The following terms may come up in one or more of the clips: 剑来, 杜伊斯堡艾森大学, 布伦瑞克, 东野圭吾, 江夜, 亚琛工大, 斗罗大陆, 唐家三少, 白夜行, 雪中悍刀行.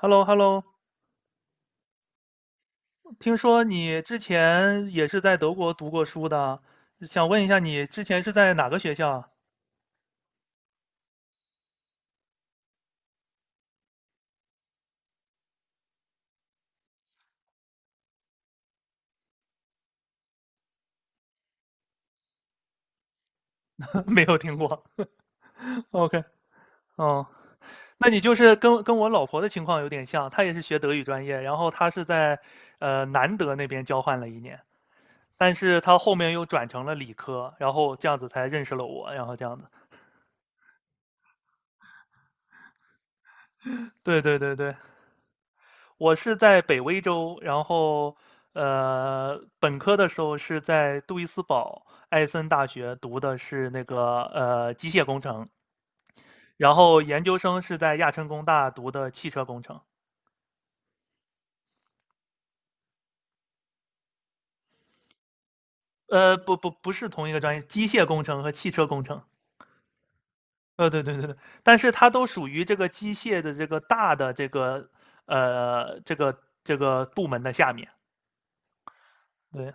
h e l l o h e l l o 听说你之前也是在德国读过书的，想问一下你之前是在哪个学校啊。 没有听过。OK。嗯。那你就是跟我老婆的情况有点像，她也是学德语专业，然后她是在南德那边交换了一年，但是她后面又转成了理科，然后这样子才认识了我，然后这样子。对对对对。我是在北威州，然后本科的时候是在杜伊斯堡艾森大学读的是那个机械工程，然后研究生是在亚琛工大读的汽车工程。不不不是同一个专业，机械工程和汽车工程。对对对对。但是它都属于这个机械的这个大的呃这个这个部门的下面。对。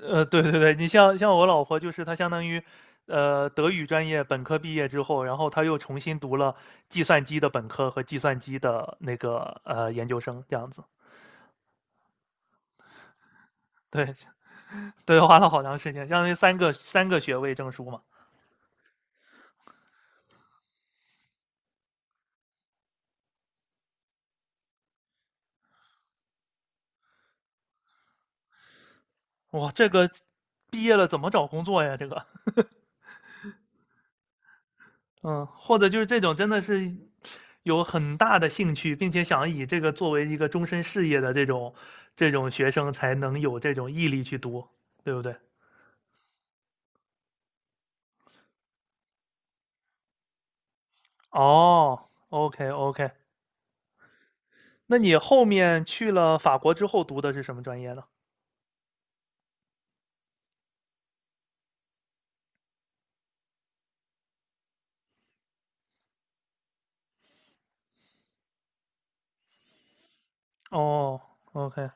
对对对，你像我老婆，就是她相当于，德语专业本科毕业之后，然后她又重新读了计算机的本科和计算机的那个研究生，这样子。对对，花了好长时间，相当于三个学位证书嘛。哇，这个毕业了怎么找工作呀？这个。嗯，或者就是这种真的是有很大的兴趣，并且想以这个作为一个终身事业的这种学生，才能有这种毅力去读，对不对？哦，OK OK。那你后面去了法国之后读的是什么专业呢？哦，OK。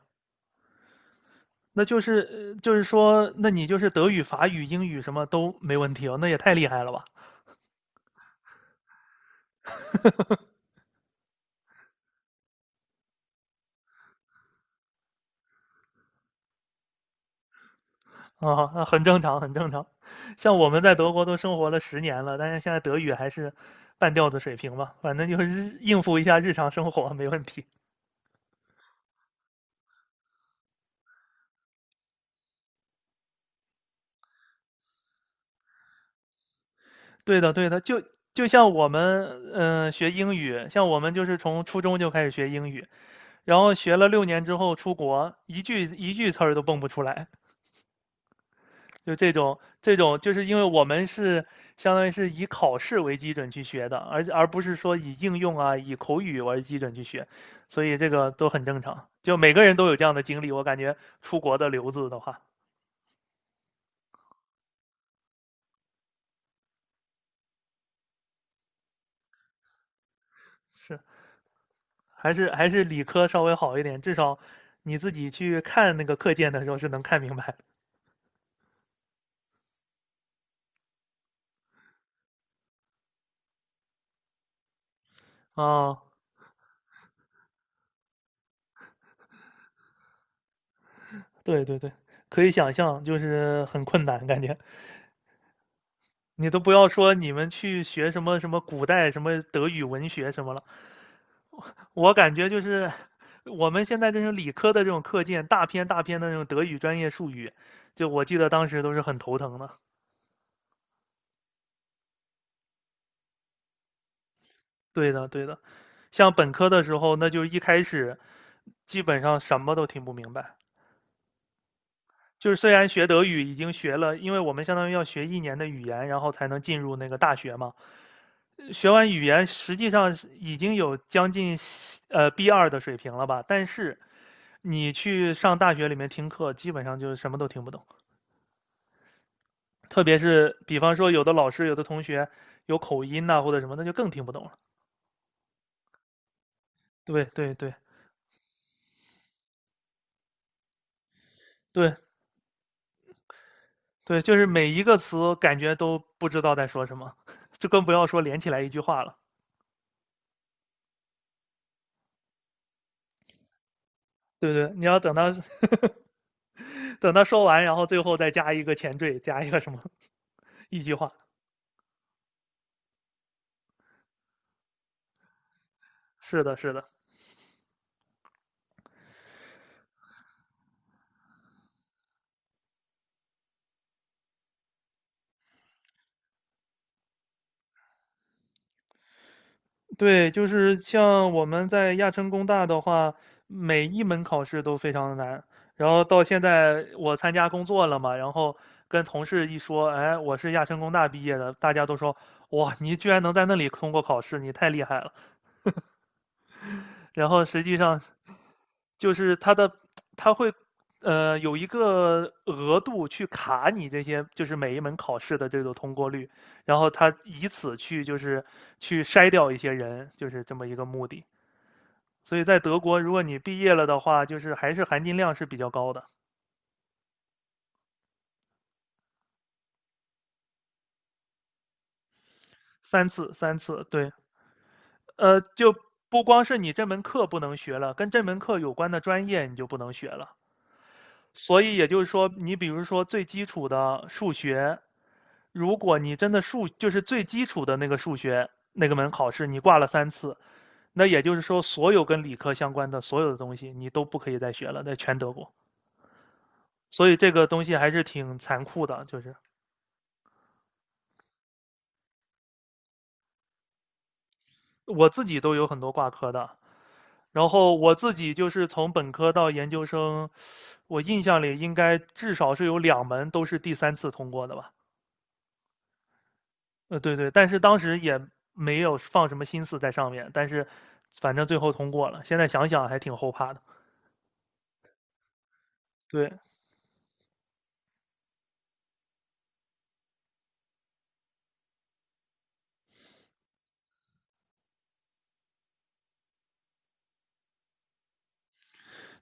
那就是说，那你就是德语、法语、英语什么都没问题哦，那也太厉害了吧？啊，那很正常，很正常。像我们在德国都生活了10年了，但是现在德语还是半吊子水平吧，反正就是日应付一下日常生活没问题。对的，对的，就像我们学英语，像我们就是从初中就开始学英语，然后学了6年之后出国，一句一句词儿都蹦不出来，就这种，就是因为我们是相当于是以考试为基准去学的，而不是说以应用啊、以口语为基准去学，所以这个都很正常，就每个人都有这样的经历。我感觉出国的留子的话，是还是理科稍微好一点，至少你自己去看那个课件的时候是能看明白的啊、对对对，可以想象，就是很困难感觉。你都不要说你们去学什么什么古代什么德语文学什么了，我感觉就是我们现在这种理科的这种课件，大篇大篇的那种德语专业术语，就我记得当时都是很头疼的。对的，对的，像本科的时候，那就一开始基本上什么都听不明白。就是虽然学德语已经学了，因为我们相当于要学一年的语言，然后才能进入那个大学嘛。学完语言，实际上是已经有将近B2的水平了吧？但是你去上大学里面听课，基本上就是什么都听不懂。特别是比方说，有的老师、有的同学有口音呐、或者什么，那就更听不懂了。对对对对对，就是每一个词感觉都不知道在说什么，就更不要说连起来一句话了。对对，你要等他说完，然后最后再加一个前缀，加一个什么 一句话。是的，是的。对，就是像我们在亚琛工大的话，每一门考试都非常的难。然后到现在我参加工作了嘛，然后跟同事一说，哎，我是亚琛工大毕业的，大家都说，哇，你居然能在那里通过考试，你太厉害了。然后实际上就是他会有一个额度去卡你这些，就是每一门考试的这个通过率，然后他以此去就是去筛掉一些人，就是这么一个目的。所以在德国，如果你毕业了的话，就是还是含金量是比较高的。3次3次，对。就不光是你这门课不能学了，跟这门课有关的专业你就不能学了。所以也就是说，你比如说最基础的数学，如果你真的就是最基础的那个数学那个门考试，你挂了三次，那也就是说，所有跟理科相关的所有的东西你都不可以再学了，在全德国。所以这个东西还是挺残酷的，就是我自己都有很多挂科的，然后我自己就是从本科到研究生，我印象里应该至少是有2门都是第三次通过的吧？对对，但是当时也没有放什么心思在上面，但是反正最后通过了。现在想想还挺后怕的。对，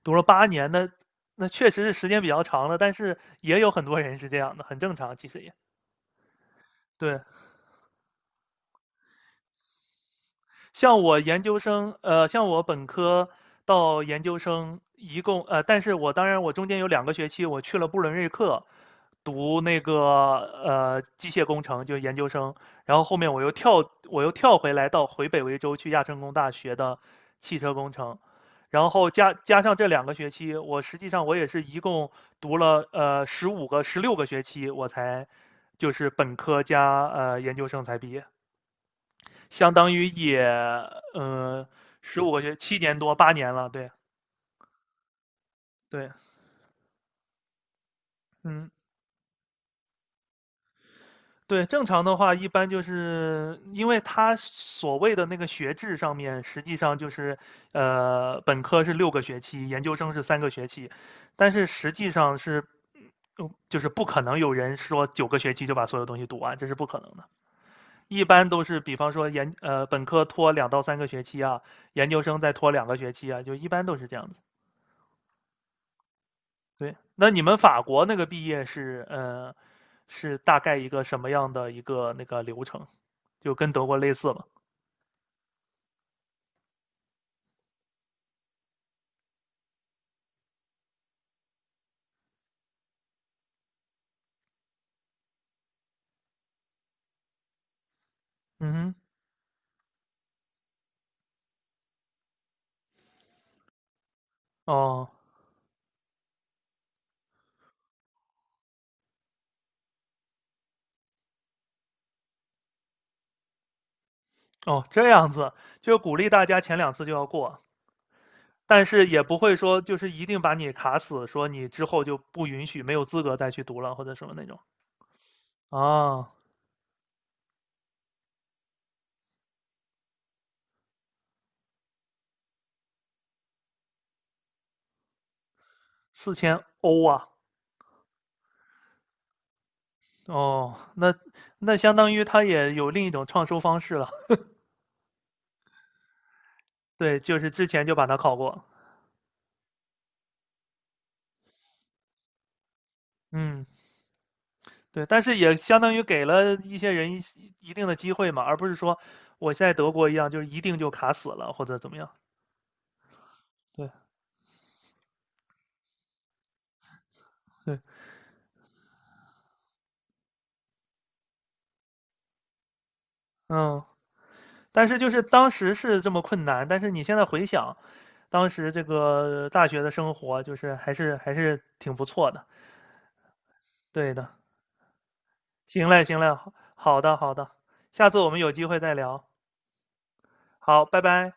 读了八年的，那确实是时间比较长了，但是也有很多人是这样的，很正常，其实也对。像我研究生，像我本科到研究生，一共但是我当然我中间有两个学期我去了布伦瑞克，读那个机械工程，就是研究生，然后后面我又跳回来回北维州去亚琛工大学的汽车工程，然后加上这两个学期，我实际上也是一共读了十五个16个学期，我才就是本科加研究生才毕业。相当于也呃十五个学7年多八年了，对对，嗯对，正常的话一般就是因为他所谓的那个学制上面，实际上就是本科是六个学期，研究生是三个学期，但是实际上是。就是不可能有人说9个学期就把所有东西读完，这是不可能的。一般都是，比方说本科拖2到3个学期啊，研究生再拖两个学期啊，就一般都是这样子。对，那你们法国那个毕业是大概一个什么样的一个那个流程？就跟德国类似吗？嗯哼，哦哦，这样子，就鼓励大家前2次就要过，但是也不会说就是一定把你卡死，说你之后就不允许，没有资格再去读了或者什么那种。啊，4000欧啊，哦，那相当于他也有另一种创收方式了。对，就是之前就把它考过。嗯，对，但是也相当于给了一些人一定的机会嘛，而不是说我现在德国一样，就是一定就卡死了或者怎么样。对对，嗯，但是就是当时是这么困难，但是你现在回想，当时这个大学的生活，就是还是挺不错的。对的，行嘞行嘞，好的好的，下次我们有机会再聊。好，拜拜。